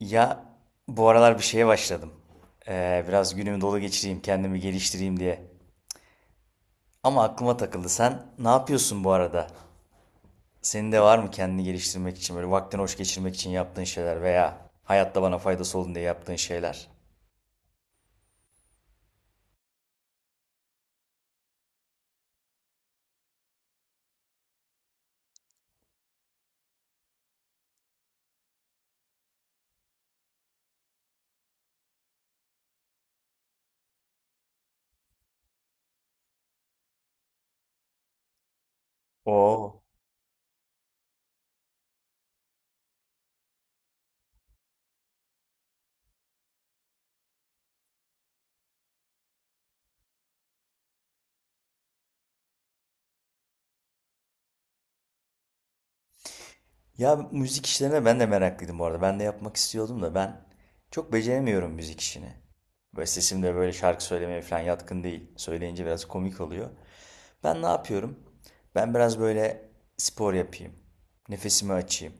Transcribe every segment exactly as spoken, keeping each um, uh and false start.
Ya bu aralar bir şeye başladım. Ee, biraz günümü dolu geçireyim, kendimi geliştireyim diye. Ama aklıma takıldı. Sen ne yapıyorsun bu arada? Senin de var mı kendini geliştirmek için böyle vaktini hoş geçirmek için yaptığın şeyler veya hayatta bana faydası olsun diye yaptığın şeyler? Oo. Ya müzik işlerine ben de meraklıydım bu arada. Ben de yapmak istiyordum da ben çok beceremiyorum müzik işini. Böyle sesim de böyle şarkı söylemeye falan yatkın değil. Söyleyince biraz komik oluyor. Ben ne yapıyorum? Ben biraz böyle spor yapayım. Nefesimi açayım.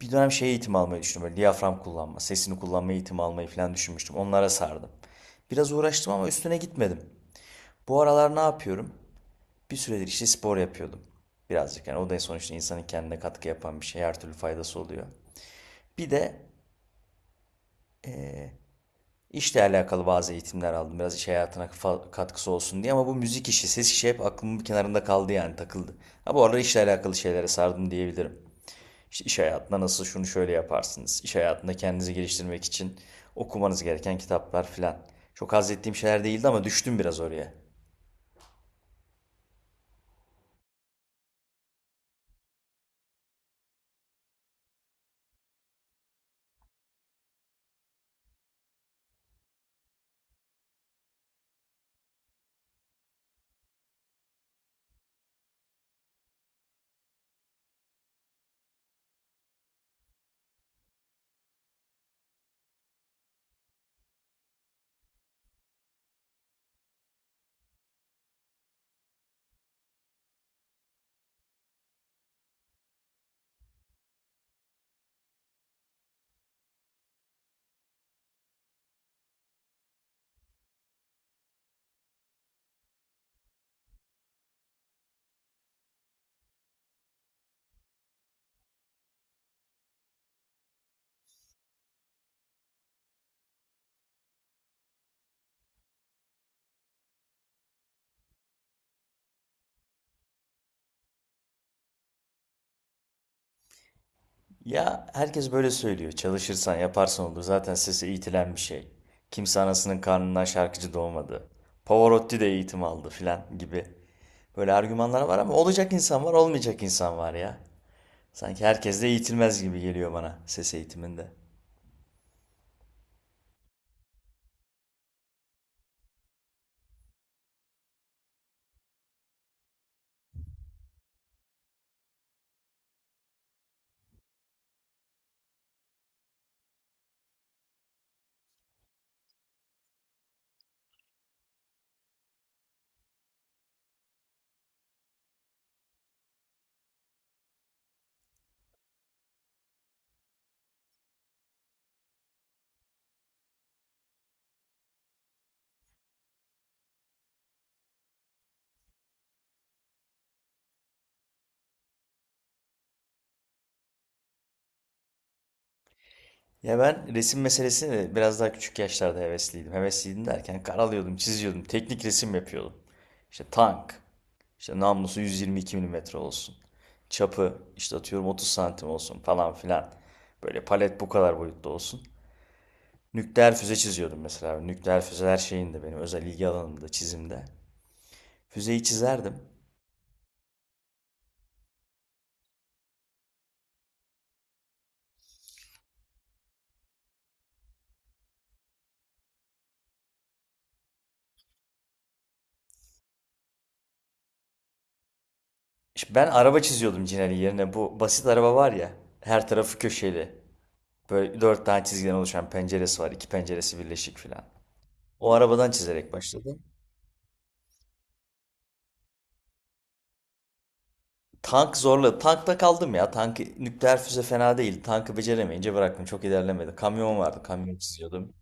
Bir dönem şey eğitimi almayı düşündüm. Böyle diyafram kullanma, sesini kullanma eğitimi almayı falan düşünmüştüm. Onlara sardım. Biraz uğraştım ama üstüne gitmedim. Bu aralar ne yapıyorum? Bir süredir işte spor yapıyordum. Birazcık yani o da sonuçta insanın kendine katkı yapan bir şey. Her türlü faydası oluyor. Bir de işle alakalı bazı eğitimler aldım. Biraz iş hayatına fa- katkısı olsun diye ama bu müzik işi, ses işi hep aklımın bir kenarında kaldı yani takıldı. Ha, bu arada işle alakalı şeylere sardım diyebilirim. İşte iş hayatında nasıl şunu şöyle yaparsınız. İş hayatında kendinizi geliştirmek için okumanız gereken kitaplar filan. Çok haz ettiğim şeyler değildi ama düştüm biraz oraya. Ya, herkes böyle söylüyor. Çalışırsan yaparsan olur. Zaten sese eğitilen bir şey. Kimse anasının karnından şarkıcı doğmadı. Pavarotti de eğitim aldı filan gibi. Böyle argümanlar var ama olacak insan var, olmayacak insan var ya. Sanki herkes de eğitilmez gibi geliyor bana ses eğitiminde. Ya ben resim meselesine de biraz daha küçük yaşlarda hevesliydim. Hevesliydim derken karalıyordum, çiziyordum, teknik resim yapıyordum. İşte tank, işte namlusu yüz yirmi iki milimetre olsun. Çapı işte atıyorum otuz santim olsun falan filan. Böyle palet bu kadar boyutta olsun. Nükleer füze çiziyordum mesela. Nükleer füzeler şeyinde benim özel ilgi alanımda çizimde. Füzeyi çizerdim. İşte ben araba çiziyordum Cinali yerine. Bu basit araba var ya, her tarafı köşeli. Böyle dört tane çizgiden oluşan penceresi var. İki penceresi birleşik filan. O arabadan çizerek başladım. Tank zorladı. Tankta kaldım ya. Tank nükleer füze fena değil. Tankı beceremeyince bıraktım. Çok ilerlemedi. Kamyon vardı. Kamyon çiziyordum.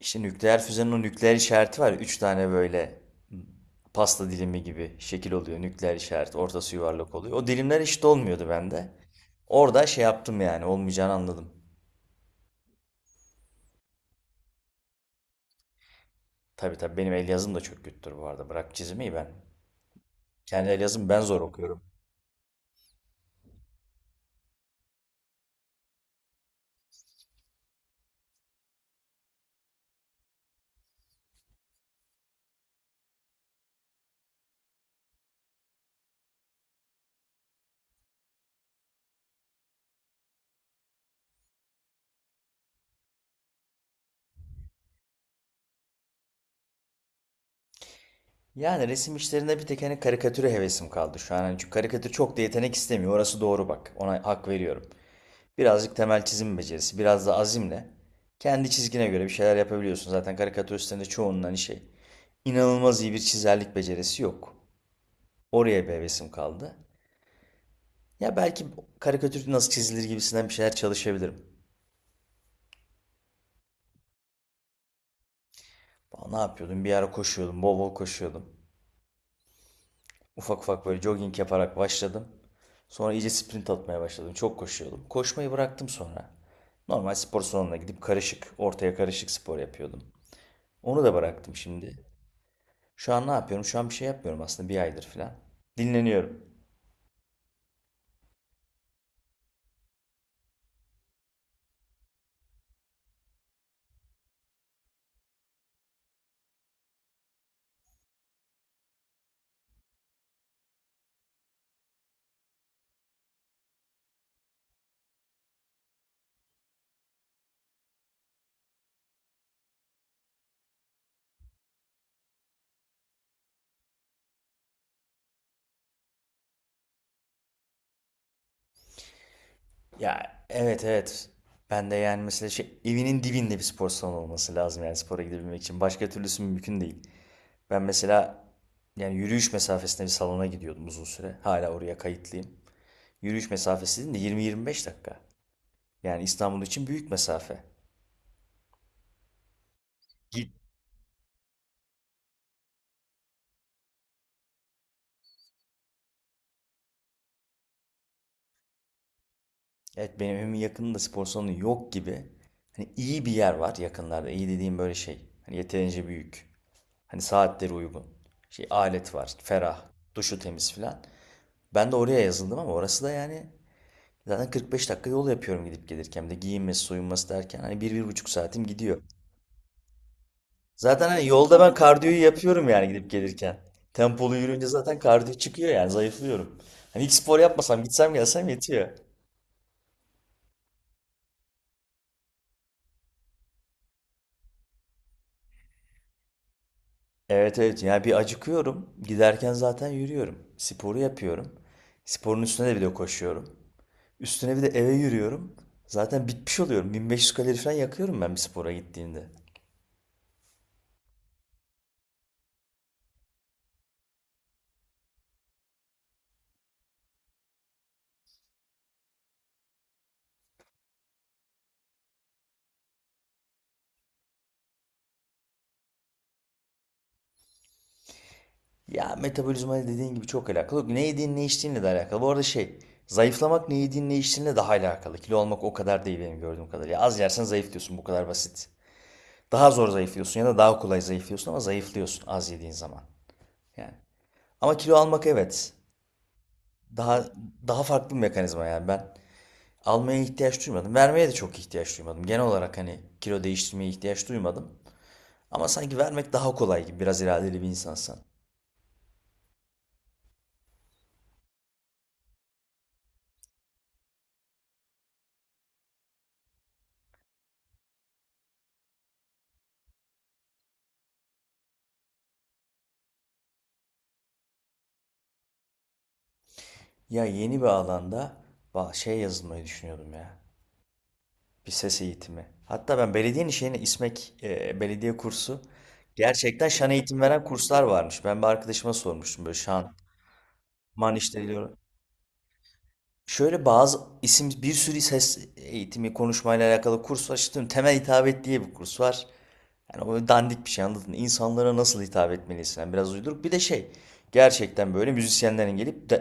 İşte nükleer füzenin o nükleer işareti var ya. Üç tane böyle pasta dilimi gibi şekil oluyor. Nükleer işaret. Ortası yuvarlak oluyor. O dilimler eşit olmuyordu bende. Orada şey yaptım yani. Olmayacağını anladım. Tabii, tabii benim el yazım da çok kötüdür bu arada. Bırak çizmeyi ben. Kendi el yazım ben zor okuyorum. Yani resim işlerinde bir tek hani karikatüre hevesim kaldı şu an. Hani çünkü karikatür çok da yetenek istemiyor. Orası doğru bak. Ona hak veriyorum. Birazcık temel çizim becerisi, biraz da azimle kendi çizgine göre bir şeyler yapabiliyorsun. Zaten karikatüristlerin de çoğunun hani şey inanılmaz iyi bir çizerlik becerisi yok. Oraya bir hevesim kaldı. Ya belki karikatür nasıl çizilir gibisinden bir şeyler çalışabilirim. Aa, ne yapıyordum? Bir ara koşuyordum, bol bol koşuyordum. Ufak ufak böyle jogging yaparak başladım. Sonra iyice sprint atmaya başladım. Çok koşuyordum. Koşmayı bıraktım sonra. Normal spor salonuna gidip karışık, ortaya karışık spor yapıyordum. Onu da bıraktım şimdi. Şu an ne yapıyorum? Şu an bir şey yapmıyorum aslında bir aydır falan. Dinleniyorum. Ya, evet, evet. Ben de yani mesela şey, evinin dibinde bir spor salonu olması lazım yani spora gidebilmek için. Başka türlüsü mümkün değil. Ben mesela yani yürüyüş mesafesinde bir salona gidiyordum uzun süre. Hala oraya kayıtlıyım. Yürüyüş mesafesi de yirmi yirmi beş dakika. Yani İstanbul için büyük mesafe. Git. Evet benim evimin yakınında spor salonu yok gibi. Hani iyi bir yer var yakınlarda. İyi dediğim böyle şey. Hani yeterince büyük. Hani saatleri uygun. Şey alet var. Ferah. Duşu temiz filan. Ben de oraya yazıldım ama orası da yani zaten kırk beş dakika yol yapıyorum gidip gelirken. Bir de giyinmesi soyunması derken hani bir, bir buçuk saatim gidiyor. Zaten hani yolda ben kardiyoyu yapıyorum yani gidip gelirken. Tempolu yürüyünce zaten kardiyo çıkıyor yani zayıflıyorum. Hani hiç spor yapmasam gitsem gelsem yetiyor. Evet, evet yani bir acıkıyorum. Giderken zaten yürüyorum. Sporu yapıyorum. Sporun üstüne de bir de koşuyorum. Üstüne bir de eve yürüyorum. Zaten bitmiş oluyorum. bin beş yüz kalori falan yakıyorum ben bir spora gittiğimde. Ya metabolizma dediğin gibi çok alakalı. Ne yediğin ne içtiğinle de alakalı. Bu arada şey zayıflamak ne yediğin ne içtiğinle daha alakalı. Kilo almak o kadar değil benim gördüğüm kadarıyla. Az yersen zayıflıyorsun, bu kadar basit. Daha zor zayıflıyorsun ya da daha kolay zayıflıyorsun ama zayıflıyorsun az yediğin zaman. Yani. Ama kilo almak, evet. Daha daha farklı bir mekanizma yani ben almaya ihtiyaç duymadım. Vermeye de çok ihtiyaç duymadım. Genel olarak hani kilo değiştirmeye ihtiyaç duymadım. Ama sanki vermek daha kolay gibi biraz iradeli bir insansan. Ya yeni bir alanda şey yazılmayı düşünüyordum ya. Bir ses eğitimi. Hatta ben belediyenin şeyine İSMEK, e, belediye kursu, gerçekten şan eğitim veren kurslar varmış. Ben bir arkadaşıma sormuştum böyle şan, man işte. Şöyle bazı isim bir sürü ses eğitimi konuşmayla alakalı kurs var. İşte temel hitabet diye bir kurs var. Yani o dandik bir şey, anladın mı? İnsanlara nasıl hitap etmelisin? Yani biraz uyduruk. Bir de şey gerçekten böyle müzisyenlerin gelip de-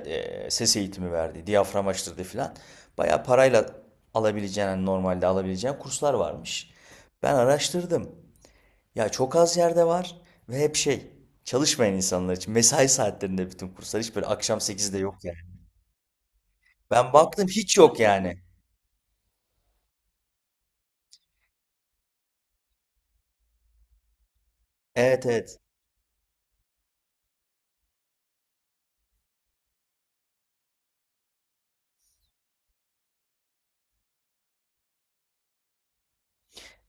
e, ses eğitimi verdiği, diyafram açtırdığı falan. Bayağı parayla alabileceğin, hani normalde alabileceğin kurslar varmış. Ben araştırdım. Ya çok az yerde var ve hep şey, çalışmayan insanlar için. Mesai saatlerinde bütün kurslar, hiç böyle akşam sekizde yok yani. Ben baktım hiç yok yani. Evet, evet.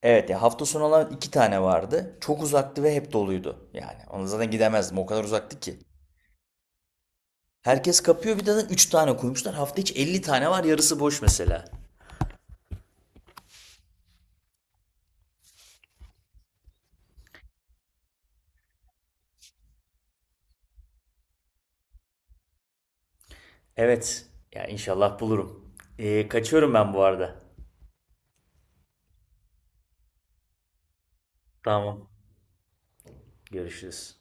Evet ya hafta sonu olan iki tane vardı. Çok uzaktı ve hep doluydu. Yani ona zaten gidemezdim. O kadar uzaktı ki. Herkes kapıyor, bir de zaten üç tane koymuşlar. Hafta içi elli tane var yarısı boş mesela. Evet. Ya inşallah bulurum. Ee, kaçıyorum ben bu arada. Tamam. Görüşürüz.